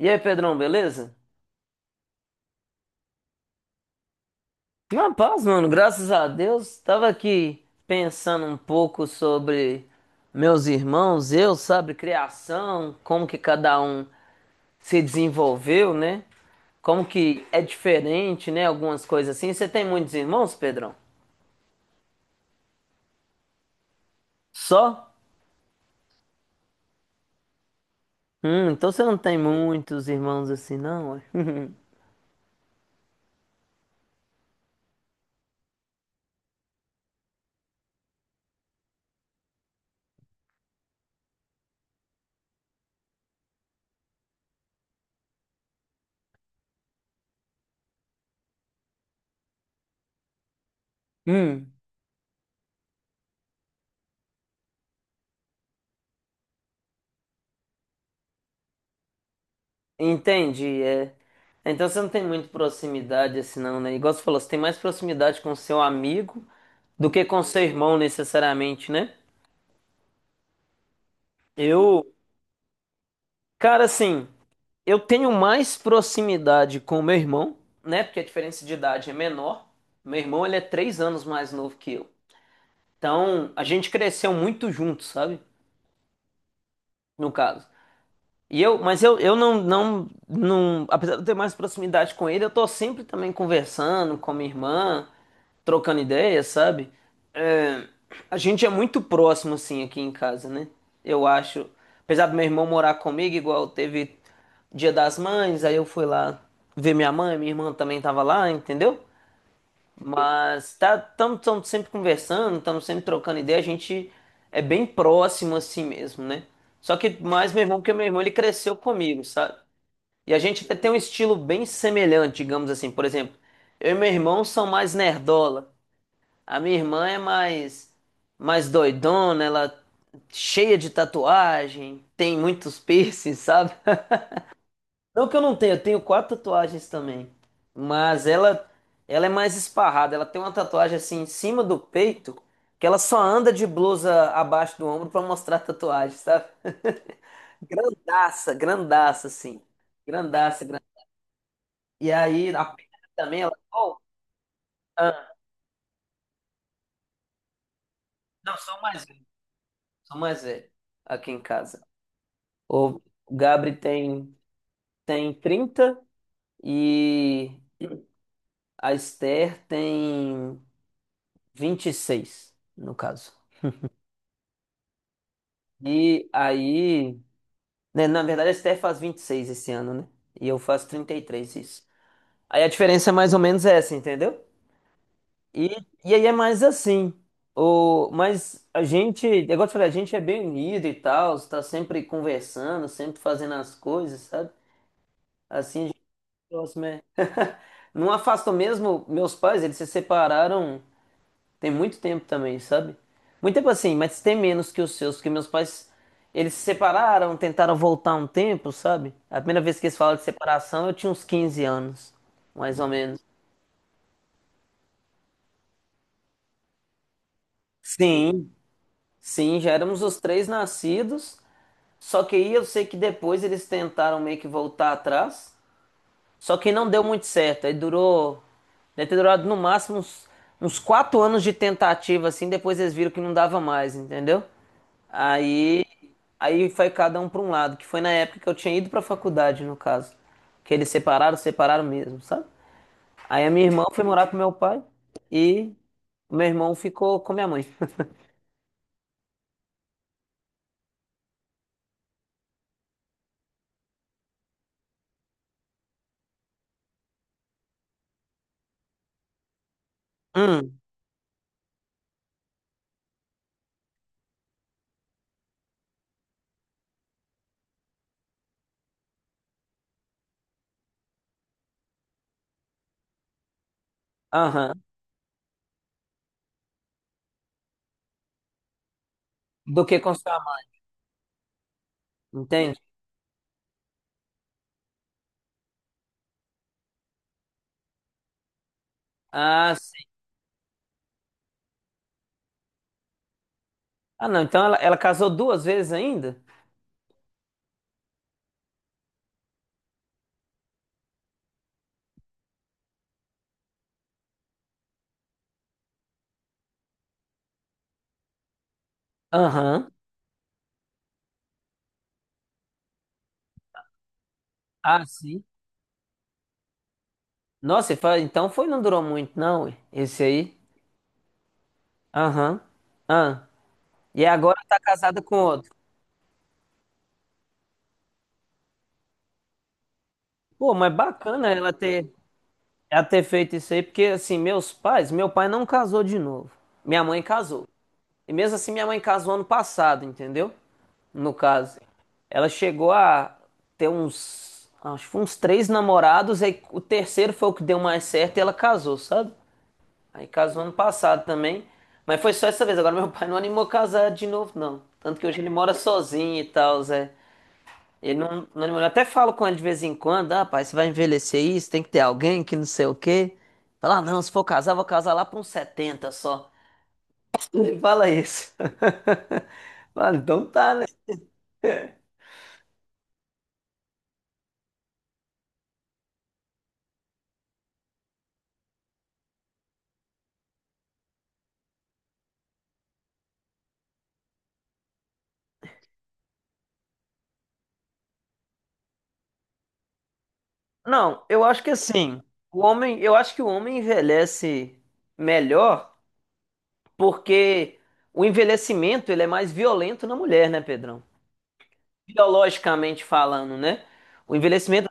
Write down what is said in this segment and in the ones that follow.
E aí, Pedrão, beleza? Na paz, mano, graças a Deus. Tava aqui pensando um pouco sobre meus irmãos, eu, sabe, criação, como que cada um se desenvolveu, né? Como que é diferente, né? Algumas coisas assim. Você tem muitos irmãos, Pedrão? Só? Então você não tem muitos irmãos assim, não? Ué? Entendi, é. Então você não tem muito proximidade assim não, né? Igual você falou, você tem mais proximidade com seu amigo do que com seu irmão necessariamente, né? Eu, cara, assim, eu tenho mais proximidade com meu irmão, né? Porque a diferença de idade é menor. Meu irmão, ele é 3 anos mais novo que eu. Então, a gente cresceu muito junto, sabe? No caso. Mas eu não, apesar de eu ter mais proximidade com ele, eu tô sempre também conversando com a minha irmã, trocando ideias, sabe? É, a gente é muito próximo, assim, aqui em casa, né? Eu acho. Apesar do meu irmão morar comigo, igual teve Dia das Mães, aí eu fui lá ver minha mãe, minha irmã também tava lá, entendeu? Mas tá, estamos sempre conversando, estamos sempre trocando ideia, a gente é bem próximo assim mesmo, né? Só que mais meu irmão, porque meu irmão ele cresceu comigo, sabe? E a gente até tem um estilo bem semelhante, digamos assim. Por exemplo, eu e meu irmão são mais nerdola. A minha irmã é mais doidona, ela cheia de tatuagem, tem muitos piercings, sabe? Não que eu não tenha, eu tenho quatro tatuagens também. Mas ela é mais esparrada. Ela tem uma tatuagem assim em cima do peito, que ela só anda de blusa abaixo do ombro pra mostrar a tatuagem, sabe? Grandaça, grandaça, assim. Grandaça, grandaça. E aí, a perna também, ela. Oh, ah, não, sou mais velho. Sou mais velho aqui em casa. O Gabri tem 30 e a Esther tem 26, no caso. E aí, né, na verdade, a Esther faz 26 esse ano, né? E eu faço 33 isso. Aí a diferença é mais ou menos essa, entendeu? E, e aí é mais assim. O, mas a gente, é igual eu te falei, a gente é bem unido e tal, está sempre conversando, sempre fazendo as coisas, sabe? Assim a gente é próximo é. Não afastam mesmo, meus pais, eles se separaram. Tem muito tempo também, sabe? Muito tempo assim, mas tem menos que os seus, porque meus pais, eles se separaram, tentaram voltar um tempo, sabe? A primeira vez que eles falam de separação, eu tinha uns 15 anos, mais ou menos. Sim, sim, já éramos os três nascidos, só que aí eu sei que depois eles tentaram meio que voltar atrás, só que não deu muito certo, aí durou, deve ter durado no máximo uns 4 anos de tentativa, assim, depois eles viram que não dava mais, entendeu? Aí Aí foi cada um para um lado, que foi na época que eu tinha ido para faculdade, no caso. Que eles separaram, separaram mesmo, sabe? Aí a minha irmã foi morar com meu pai e o meu irmão ficou com minha mãe. Hum, aham. Do que com sua mãe, entende? Ah, sim. Ah, não, então ela casou duas vezes ainda? Aham. Ah, sim. Nossa, e então foi, não durou muito, não, ué, esse aí. Aham. Ah. E agora tá casada com outro. Pô, mas bacana ela ter. Já ter feito isso aí, porque assim, meus pais, meu pai não casou de novo. Minha mãe casou. E mesmo assim, minha mãe casou ano passado, entendeu? No caso. Ela chegou a ter uns, acho que foi uns três namorados, aí o terceiro foi o que deu mais certo e ela casou, sabe? Aí casou ano passado também. Mas foi só essa vez. Agora meu pai não animou a casar de novo, não. Tanto que hoje ele mora sozinho e tal, ele não demorou. Eu até falo com ele de vez em quando, ah, pai, você vai envelhecer isso, tem que ter alguém que não sei o quê. Fala, ah, não, se for casar, vou casar lá para uns 70 só. Ele fala isso. Fala, então tá, né? Não, eu acho que assim, o homem, eu acho que o homem envelhece melhor porque o envelhecimento ele é mais violento na mulher, né, Pedrão? Biologicamente falando, né? O envelhecimento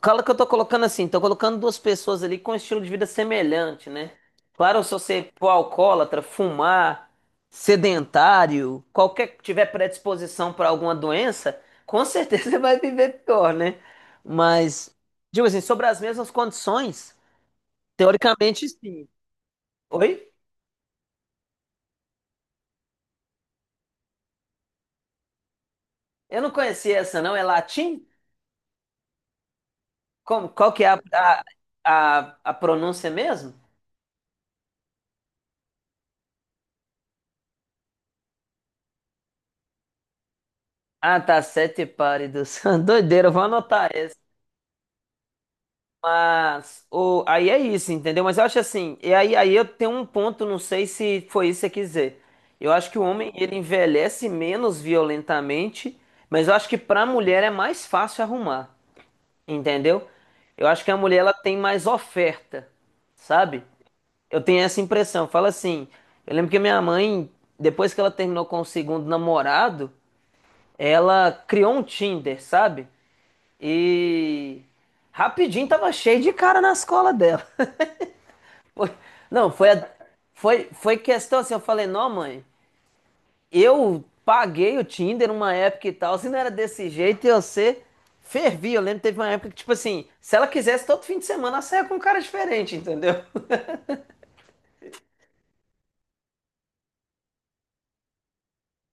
Cala que eu tô colocando assim, tô colocando duas pessoas ali com um estilo de vida semelhante, né? Claro, se você for alcoólatra, fumar, sedentário, qualquer que tiver predisposição para alguma doença, com certeza você vai viver pior, né? Mas, digo assim, sobre as mesmas condições, teoricamente sim. Oi? Eu não conhecia essa não, é latim? Como, qual que é a, pronúncia mesmo? Ah, tá, sete pálidos. Doideira, eu vou anotar essa. Mas aí é isso, entendeu? Mas eu acho assim, e aí eu tenho um ponto, não sei se foi isso que você quiser. Eu acho que o homem ele envelhece menos violentamente, mas eu acho que para a mulher é mais fácil arrumar, entendeu? Eu acho que a mulher ela tem mais oferta, sabe? Eu tenho essa impressão. Fala assim, eu lembro que minha mãe, depois que ela terminou com o segundo namorado, ela criou um Tinder, sabe? E rapidinho tava cheio de cara na escola dela. Não, foi questão assim, eu falei, não, mãe, eu paguei o Tinder uma época e tal, se não era desse jeito, e você fervia. Eu lembro que teve uma época que, tipo assim, se ela quisesse, todo fim de semana ela saia com um cara diferente, entendeu?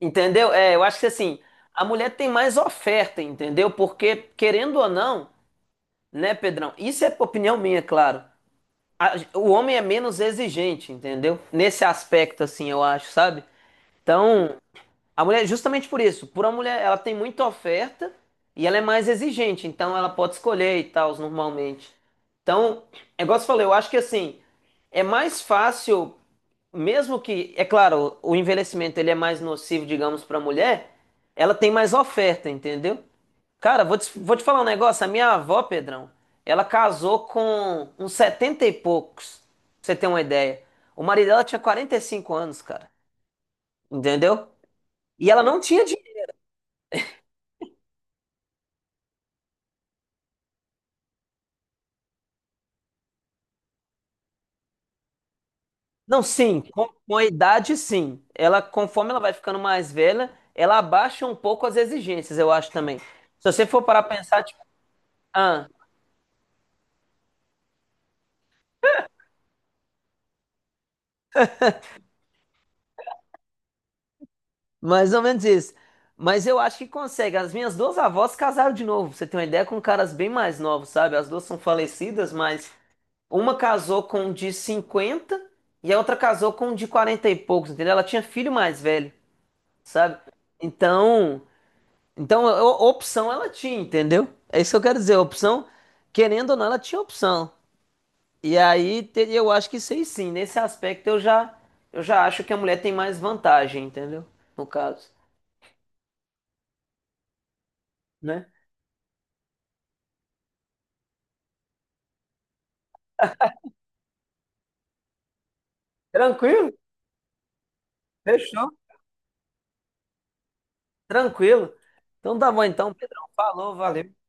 Entendeu? É, eu acho que assim, a mulher tem mais oferta, entendeu? Porque, querendo ou não, né, Pedrão? Isso é opinião minha, claro. O homem é menos exigente, entendeu? Nesse aspecto, assim, eu acho, sabe? Então, a mulher, justamente por isso, por a mulher, ela tem muita oferta e ela é mais exigente, então ela pode escolher e tal, normalmente. Então, é igual você falou, eu acho que assim, é mais fácil, mesmo que, é claro, o envelhecimento ele é mais nocivo, digamos, para a mulher, ela tem mais oferta, entendeu? Cara, vou te falar um negócio, a minha avó, Pedrão, ela casou com uns 70 e poucos, pra você ter uma ideia. O marido dela tinha 45 anos, cara, entendeu? E ela não tinha. Não, sim, com a idade, sim. Ela, conforme ela vai ficando mais velha, ela abaixa um pouco as exigências, eu acho também. Se você for parar pra pensar, tipo, ah, mais ou menos isso. Mas eu acho que consegue. As minhas duas avós casaram de novo, pra você tem uma ideia com caras bem mais novos, sabe? As duas são falecidas, mas uma casou com um de 50 e a outra casou com um de 40 e poucos, entendeu? Ela tinha filho mais velho, sabe? Então, Então, a opção ela tinha, entendeu? É isso que eu quero dizer, a opção, querendo ou não, ela tinha opção. E aí, eu acho que sei sim, nesse aspecto eu já, acho que a mulher tem mais vantagem, entendeu? No caso, né? Tranquilo? Fechou? Tranquilo. Então tá bom, então, Pedrão, falou, valeu.